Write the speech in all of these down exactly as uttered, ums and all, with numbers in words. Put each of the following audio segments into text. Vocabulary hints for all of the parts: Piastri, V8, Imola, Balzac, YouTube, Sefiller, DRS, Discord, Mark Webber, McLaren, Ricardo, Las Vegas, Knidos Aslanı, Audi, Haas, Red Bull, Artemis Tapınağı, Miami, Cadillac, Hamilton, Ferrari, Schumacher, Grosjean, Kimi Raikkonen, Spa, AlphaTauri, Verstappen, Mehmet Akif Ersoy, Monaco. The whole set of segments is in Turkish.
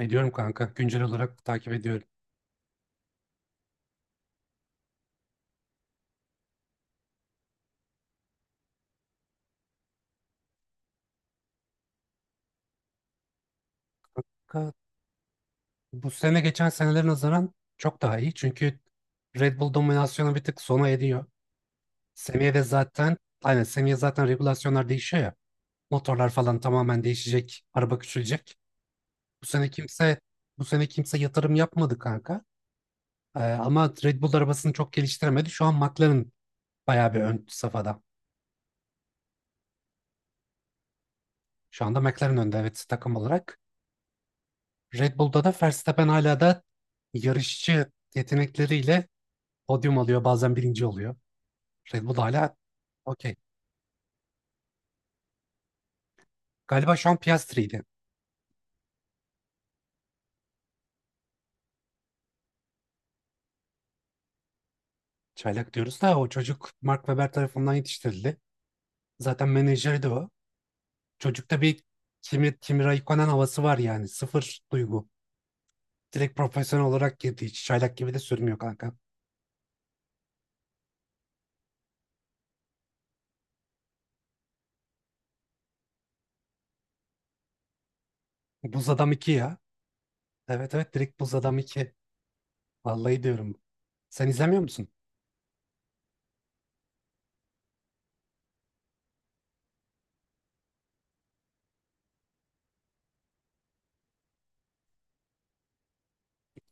Ediyorum kanka. Güncel olarak takip ediyorum. Kanka, bu sene geçen senelere nazaran çok daha iyi, çünkü Red Bull dominasyonu bir tık sona ediyor. Seneye de zaten aynen seneye zaten regülasyonlar değişiyor ya. Motorlar falan tamamen değişecek. Araba küçülecek. Bu sene kimse bu sene kimse yatırım yapmadı kanka. Ee, ama Red Bull arabasını çok geliştiremedi. Şu an McLaren bayağı bir ön safhada. Şu anda McLaren önde, evet, takım olarak. Red Bull'da da Verstappen hala da yarışçı yetenekleriyle podyum alıyor, bazen birinci oluyor. Red Bull hala okey. Galiba şu an Piastri'ydi. Çaylak diyoruz da o çocuk Mark Webber tarafından yetiştirildi. Zaten menajeri de o. Çocukta bir Kimi, Kimi Raikkonen havası var yani. Sıfır duygu. Direkt profesyonel olarak girdi. Hiç çaylak gibi de sürmüyor kanka. Buz Adam iki ya. Evet evet, direkt Buz Adam iki. Vallahi diyorum. Sen izlemiyor musun?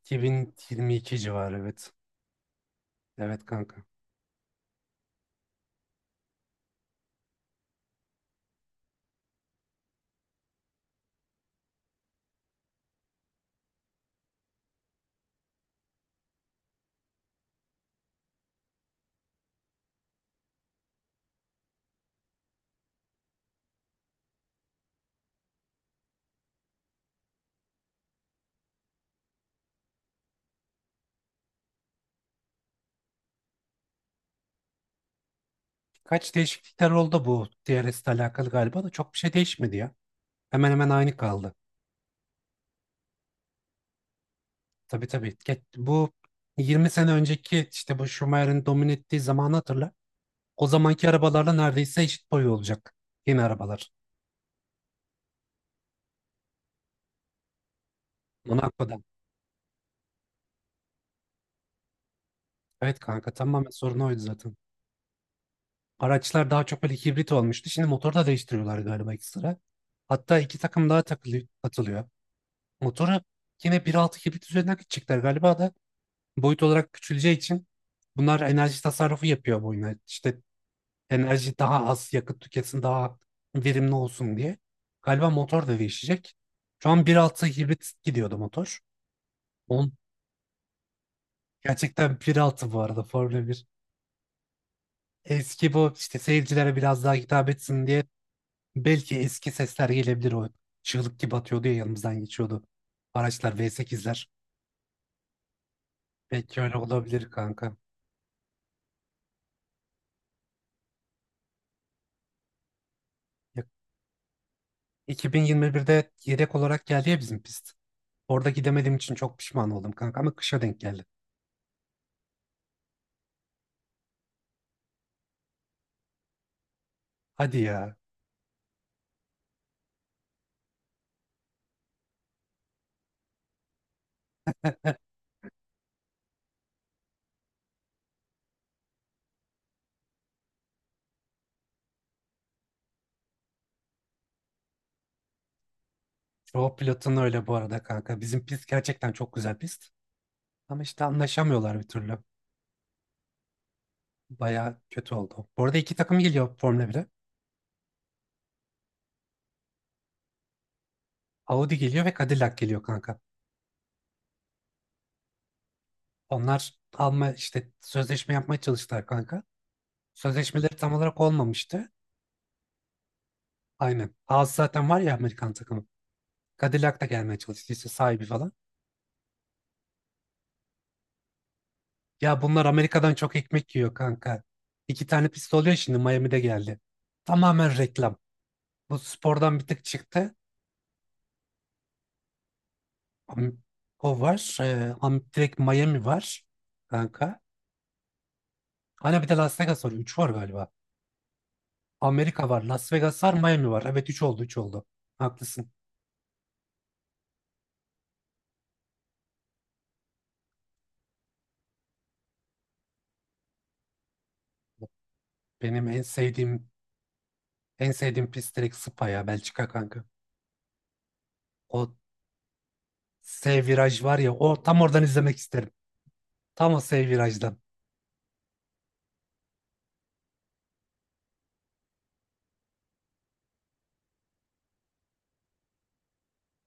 iki bin yirmi iki civarı evet. Evet kanka. Kaç değişiklikler oldu bu D R S ile alakalı galiba da çok bir şey değişmedi ya. Hemen hemen aynı kaldı. Tabii tabii. Ge- Bu yirmi sene önceki işte bu Schumacher'in domine ettiği zamanı hatırla. O zamanki arabalarla neredeyse eşit boyu olacak yeni arabalar. Monaco'dan. Evet kanka, tamamen sorun oydu zaten. Araçlar daha çok böyle hibrit olmuştu. Şimdi motoru da değiştiriyorlar galiba ekstra. Hatta iki takım daha takılı, atılıyor. Motoru yine bir virgül altı hibrit üzerinden gidecekler galiba da boyut olarak küçüleceği için bunlar enerji tasarrufu yapıyor bu oyuna. İşte enerji, daha az yakıt tüketsin, daha verimli olsun diye. Galiba motor da değişecek. Şu an bir altı hibrit gidiyordu motor. On, Gerçekten bir altı bu arada Formula bir. Eski bu işte, seyircilere biraz daha hitap etsin diye belki eski sesler gelebilir o. Çığlık gibi atıyordu ya, yanımızdan geçiyordu. Araçlar V sekizler. Belki öyle olabilir kanka. Ya, iki bin yirmi birde yedek olarak geldi ya bizim pist. Orada gidemediğim için çok pişman oldum kanka, ama kışa denk geldi. Hadi ya. Çoğu pilotun öyle bu arada kanka. Bizim pist gerçekten çok güzel pist. Ama işte anlaşamıyorlar bir türlü. Baya kötü oldu. Bu arada iki takım geliyor Formula bire. Audi geliyor ve Cadillac geliyor kanka. Onlar alma işte sözleşme yapmaya çalıştılar kanka. Sözleşmeleri tam olarak olmamıştı. Aynen. Haas zaten var ya, Amerikan takımı. Cadillac da gelmeye çalıştı işte, sahibi falan. Ya bunlar Amerika'dan çok ekmek yiyor kanka. İki tane pist oluyor şimdi, Miami'de geldi. Tamamen reklam. Bu spordan bir tık çıktı. Am- O var. Ee, am direkt Miami var kanka. Hani bir de Las Vegas var. Üç var galiba. Amerika var. Las Vegas var. Miami var. Evet, üç oldu, üç oldu. Haklısın. Benim en sevdiğim en sevdiğim pist direkt Spa ya, Belçika kanka. O S viraj var ya, o tam oradan izlemek isterim. Tam o S virajdan.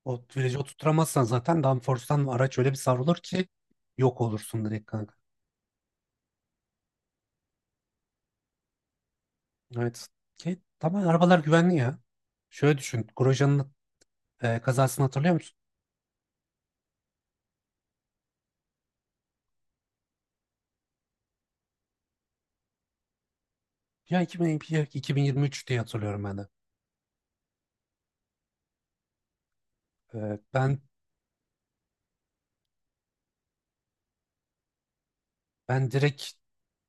O virajı oturtamazsan zaten downforce'tan araç öyle bir savrulur ki yok olursun direkt kanka. Evet. Ki tamam, arabalar güvenli ya. Şöyle düşün. Grosjean'ın e, kazasını hatırlıyor musun? Ya iki bin yirmi iki, iki bin yirmi üç diye hatırlıyorum ben de. Ee, ben ben direkt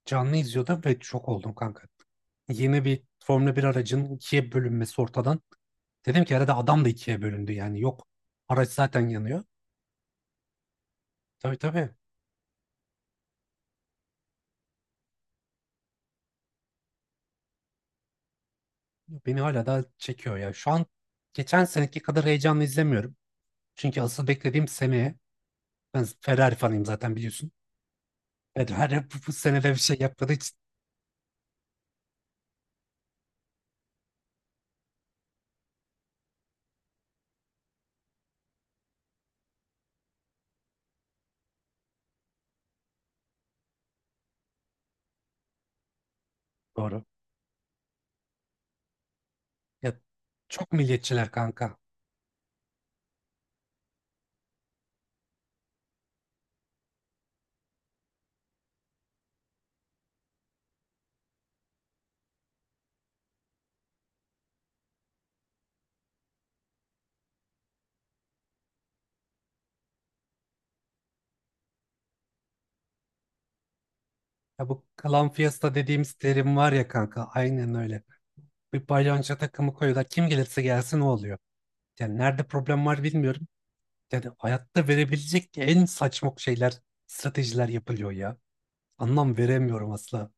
canlı izliyordum ve şok oldum kanka. Yeni bir Formula bir aracın ikiye bölünmesi ortadan. Dedim ki herhalde adam da ikiye bölündü, yani yok. Araç zaten yanıyor. Tabii tabii, beni hala da çekiyor ya. Şu an geçen seneki kadar heyecanlı izlemiyorum. Çünkü asıl beklediğim seneye, ben Ferrari fanıyım zaten biliyorsun. Ferrari bu, bu senede bir şey yapmadığı için doğru. Ya çok milliyetçiler kanka. Ya bu Clan Fiesta dediğimiz terim var ya kanka, aynen öyle. Bir balyonca takımı koyuyorlar. Kim gelirse gelsin o oluyor. Yani nerede problem var bilmiyorum. Yani hayatta verebilecek en saçma şeyler, stratejiler yapılıyor ya. Anlam veremiyorum asla.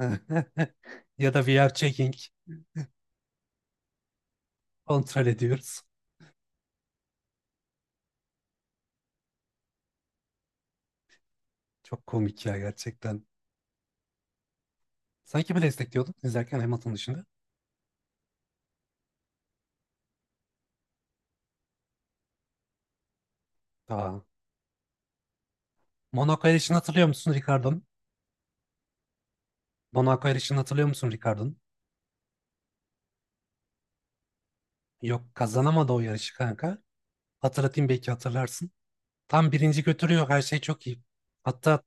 Ya da V R checking, kontrol ediyoruz. Çok komik ya gerçekten. Sanki bir destekliyordun izlerken Hamilton dışında. Aa, Monaco yarışını hatırlıyor musun Ricardo? Monaco yarışını hatırlıyor musun Ricardo'nun? Yok, kazanamadı o yarışı kanka. Hatırlatayım, belki hatırlarsın. Tam birinci götürüyor, her şey çok iyi. Hatta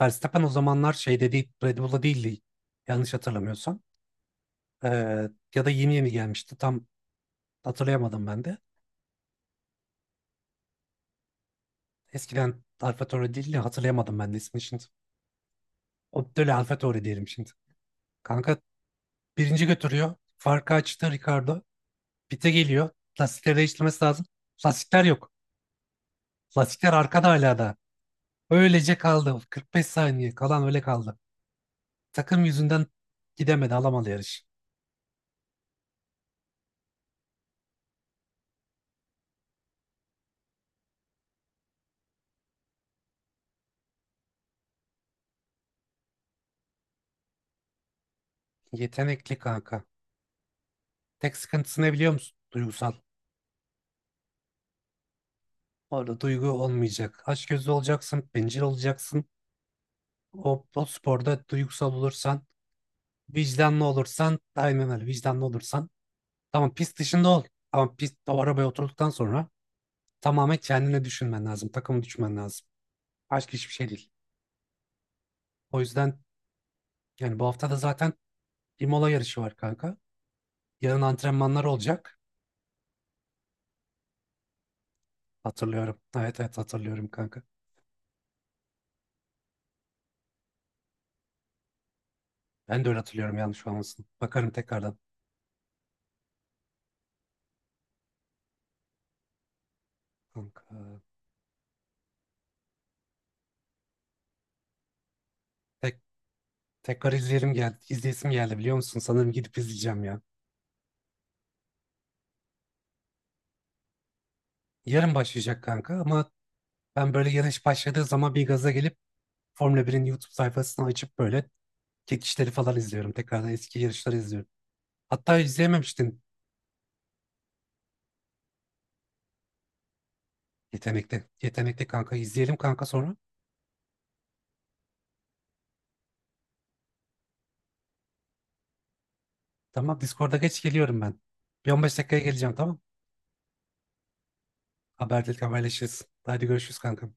Verstappen o zamanlar şeyde değil, Red Bull'da değildi yanlış hatırlamıyorsam. Ee, Ya da yeni yeni gelmişti, tam hatırlayamadım ben de. Eskiden AlphaTauri değil de hatırlayamadım ben de ismini şimdi. O böyle AlphaTauri diyelim şimdi. Kanka birinci götürüyor. Farkı açtı Ricardo. Pite geliyor. Lastikleri değiştirmesi lazım. Lastikler yok. Lastikler arkada hala da. Öylece kaldı. Kırk beş saniye kalan öyle kaldı. Takım yüzünden gidemedi, alamadı yarış. Yetenekli kanka. Tek sıkıntısı ne biliyor musun? Duygusal. Orada duygu olmayacak. Açgözlü olacaksın, bencil olacaksın. O, o sporda duygusal olursan, vicdanlı olursan, aynen öyle, vicdanlı olursan. Tamam, pist dışında ol. Ama pist o arabaya oturduktan sonra tamamen kendine düşünmen lazım. Takımı düşünmen lazım. Başka hiçbir şey değil. O yüzden yani bu hafta da zaten Imola yarışı var kanka. Yarın antrenmanlar olacak. Hatırlıyorum. Evet evet, hatırlıyorum kanka. Ben de öyle hatırlıyorum, yanlış olmasın. Bakarım tekrardan. Kanka. Tek, tekrar izleyelim geldi. İzleyesim geldi biliyor musun? Sanırım gidip izleyeceğim ya. Yarın başlayacak kanka, ama ben böyle yarış başladığı zaman bir gaza gelip Formula birin YouTube sayfasını açıp böyle çekişleri falan izliyorum. Tekrardan eski yarışları izliyorum. Hatta izleyememiştin. Yetenekte, yetenekte kanka. İzleyelim kanka sonra. Tamam, Discord'a geç geliyorum ben. Bir on beş dakikaya geleceğim, tamam. Haber, Haberleşiriz. Hadi görüşürüz kanka.